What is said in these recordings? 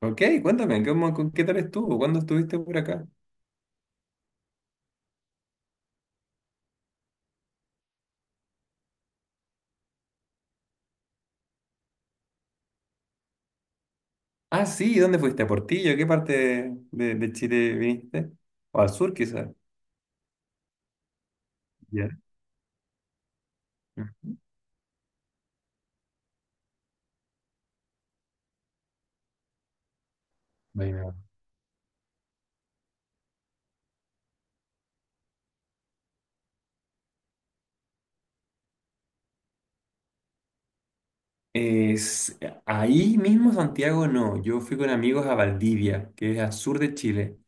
Ok, cuéntame, qué tal estuvo? ¿Cuándo estuviste por acá? Ah, sí, ¿dónde fuiste? ¿A Portillo? ¿Qué parte Chile viniste? ¿O al sur, quizás? Ya. Ujú. Bueno. Es, Ahí mismo Santiago no, yo fui con amigos a Valdivia, que es al sur de Chile.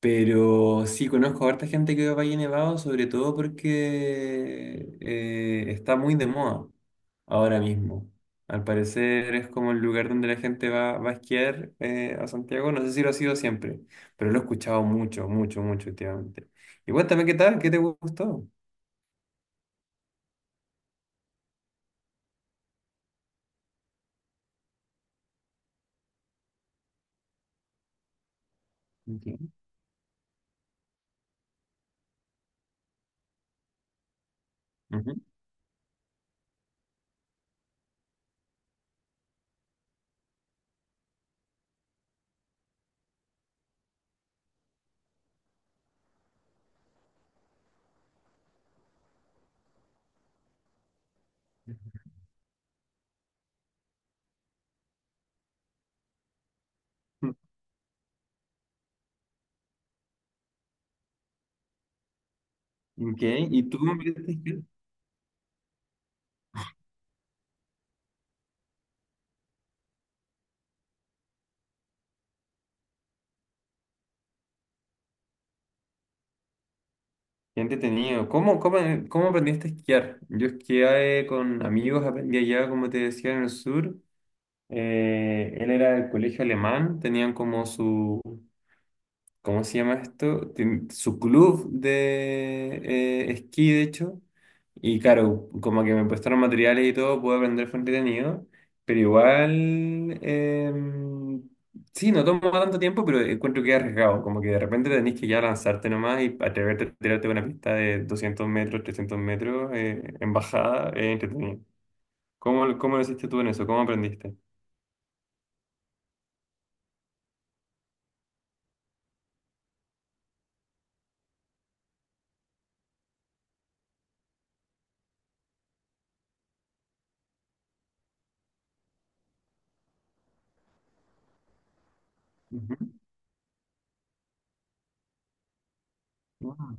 Pero sí, conozco a harta gente que va a Valle Nevado, sobre todo porque está muy de moda ahora mismo. Al parecer es como el lugar donde la gente va a esquiar a Santiago. No sé si lo ha sido siempre, pero lo he escuchado mucho, mucho, mucho últimamente. Y cuéntame qué tal, qué te gustó. Okay. Ujú. Ok, ¿y tú cómo aprendiste a esquiar? Qué entretenido. ¿Cómo, cómo, cómo aprendiste a esquiar? Yo esquié con amigos, aprendí allá, como te decía, en el sur. Él era del colegio alemán, tenían como su, ¿cómo se llama esto? Su club de esquí, de hecho. Y claro, como que me prestaron materiales y todo, pude aprender, fue entretenido. Pero igual, sí, no toma tanto tiempo, pero encuentro que es arriesgado. Como que de repente tenés que ya lanzarte nomás y atreverte a tirarte una pista de 200 metros, 300 metros, en bajada, es entretenido. ¿Cómo, cómo lo hiciste tú en eso? ¿Cómo aprendiste? Ujú.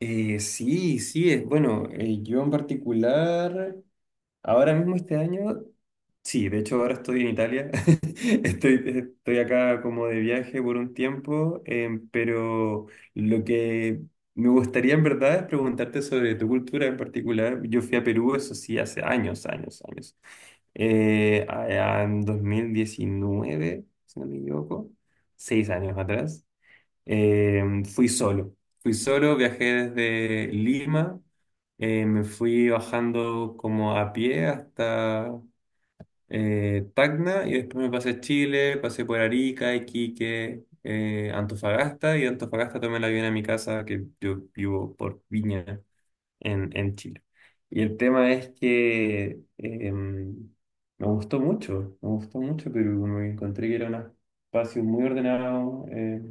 Sí, sí, es bueno. Yo en particular, ahora mismo este año, sí, de hecho ahora estoy en Italia. Estoy acá como de viaje por un tiempo, pero lo que me gustaría en verdad es preguntarte sobre tu cultura en particular. Yo fui a Perú, eso sí, hace años, años, años. Allá en 2019, si no me equivoco, 6 años atrás. Fui solo. Fui solo, viajé desde Lima, me fui bajando como a pie hasta Tacna, y después me pasé a Chile, pasé por Arica, Iquique, Antofagasta, y de Antofagasta tomé el avión a mi casa, que yo vivo por Viña en Chile. Y el tema es que me gustó mucho, pero me encontré que era un espacio muy ordenado.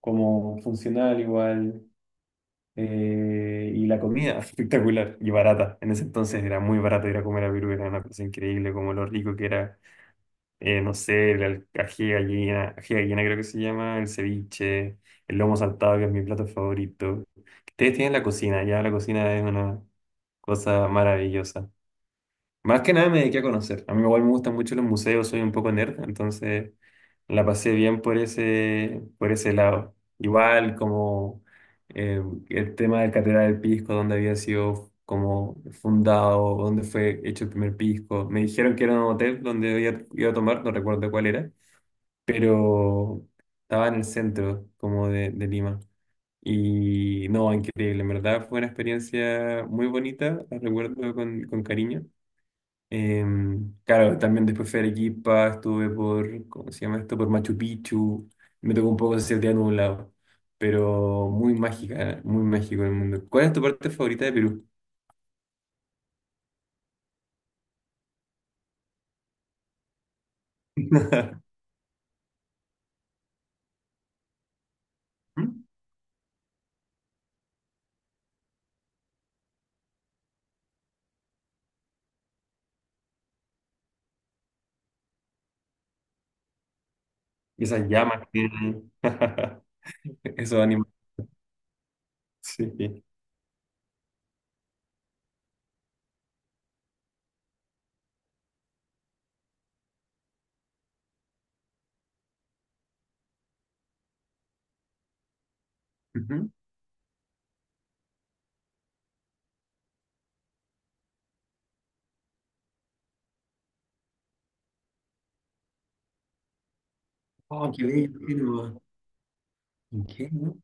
Como funcional igual, y la comida espectacular y barata. En ese entonces era muy barato ir a comer a Perú, era una cosa increíble, como lo rico que era, no sé, la ají de gallina creo que se llama, el ceviche, el lomo saltado, que es mi plato favorito. Ustedes tienen la cocina, ya la cocina es una cosa maravillosa. Más que nada me dediqué a conocer. A mí igual me gustan mucho los museos, soy un poco nerd, entonces la pasé bien por ese lado. Igual como eh, el tema del Catedral del Pisco, donde había sido como fundado, donde fue hecho el primer pisco. Me dijeron que era un hotel donde iba, iba a tomar, no recuerdo cuál era, pero estaba en el centro como de Lima. Y no, increíble, en verdad fue una experiencia muy bonita, la recuerdo con cariño. Claro, también después fui a Arequipa, estuve por, ¿cómo se llama esto? Por Machu Picchu. Me tocó un poco ese día nublado, pero muy mágica, ¿eh? Muy mágico el mundo. ¿Cuál es tu parte favorita de Perú? ¿Mm? Y esas llamas que tienen. Esos animales. Sí. Ujú. Oh, qué bello. Qué lindo. ¿En qué, no?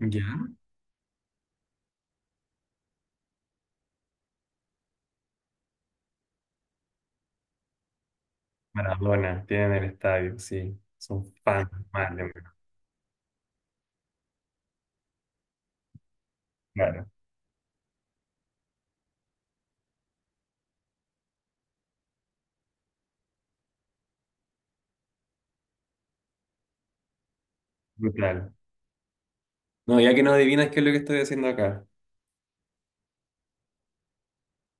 ¿Ya? Maradona, tienen el estadio, sí. Son fans, madre mía. Claro, brutal. No, ya que no adivinas qué es lo que estoy haciendo acá.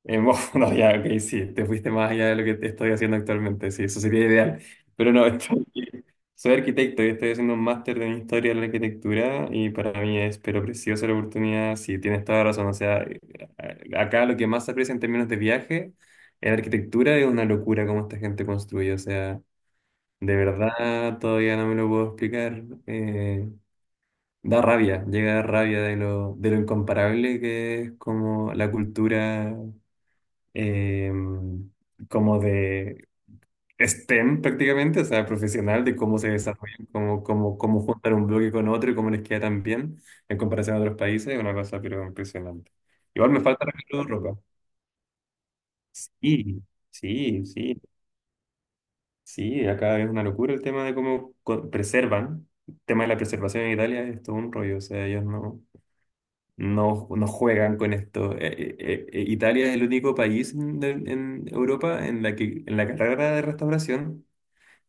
Bueno, no, ya, ok, sí, te fuiste más allá de lo que te estoy haciendo actualmente, sí, eso sería ideal. Pero no, soy arquitecto y estoy haciendo un máster en historia de la arquitectura y para mí es, pero preciosa la oportunidad, sí, tienes toda razón. O sea, acá lo que más se aprecia en términos de viaje en arquitectura es una locura cómo esta gente construye, o sea, de verdad todavía no me lo puedo explicar. Da rabia, llega a dar rabia de lo incomparable que es como la cultura eh, como de STEM prácticamente, o sea, profesional, de cómo se desarrollan, cómo, cómo, cómo juntar un bloque con otro y cómo les queda tan bien en comparación a otros países, es una cosa pero impresionante. Igual me falta recorrer ropa. Sí, sí, sí, sí, acá es una locura el tema de preservan. El tema de la preservación en Italia es todo un rollo, o sea, ellos no, no, no juegan con esto. Italia es el único país en Europa en la que en la carrera de restauración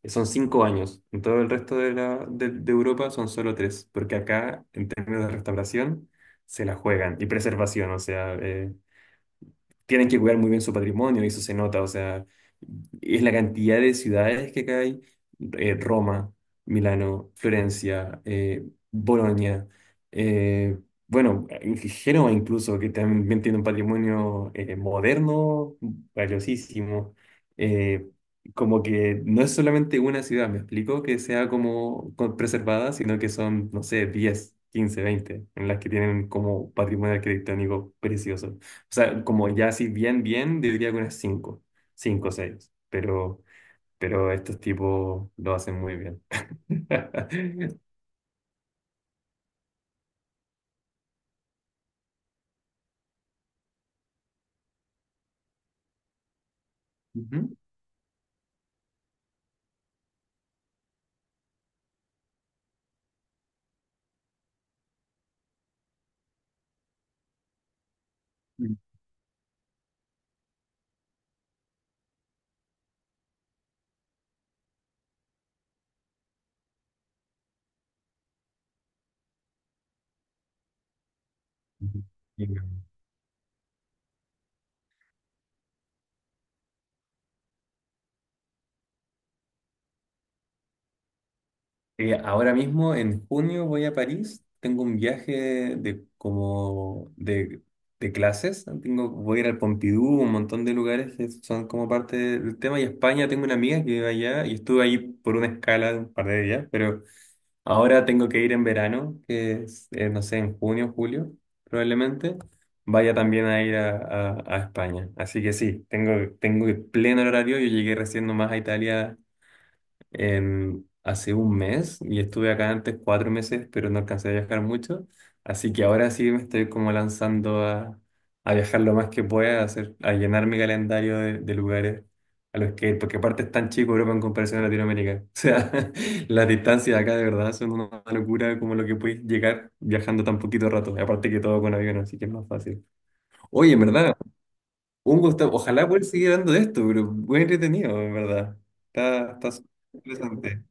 son 5 años. En todo el resto de Europa son solo tres, porque acá, en términos de restauración, se la juegan. Y preservación, o sea, tienen que cuidar muy bien su patrimonio y eso se nota, o sea, es la cantidad de ciudades que acá hay, Roma, Milano, Florencia, Bolonia, eh, bueno, en Génova incluso, que también tiene un patrimonio moderno valiosísimo, eh, como que no es solamente una ciudad, me explico, que sea como preservada, sino que son, no sé, 10, 15, 20 en las que tienen como patrimonio arquitectónico precioso. O sea, como ya así bien, bien, diría que unas cinco, cinco o seis, pero estos tipos lo hacen muy bien. Ujú. Ahora mismo, en junio, voy a París. Tengo un viaje de como de clases. Voy a ir al Pompidou, un montón de lugares que son como parte del tema. Y España, tengo una amiga que vive allá y estuve ahí por una escala de un par de días, pero ahora tengo que ir en verano, que es, no sé, en junio, julio, probablemente. Vaya también a ir a España. Así que sí, tengo pleno horario. Yo llegué recién nomás a Italia hace un mes y estuve acá antes 4 meses, pero no alcancé a viajar mucho. Así que ahora sí me estoy como lanzando a viajar lo más que pueda, a, hacer, a llenar mi calendario de lugares a los que, porque aparte es tan chico Europa en comparación a Latinoamérica. O sea, las distancias acá de verdad son una locura como lo que puedes llegar viajando tan poquito rato. Y aparte que todo con avión, así que es más fácil. Oye, en verdad, un gusto. Ojalá poder seguir hablando de esto, pero muy entretenido, en verdad. Está súper interesante.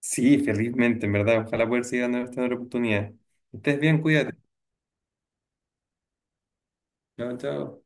Sí, felizmente, en verdad. Ojalá poder seguir dando esta otra oportunidad. Estés bien, cuídate. Chao, chao.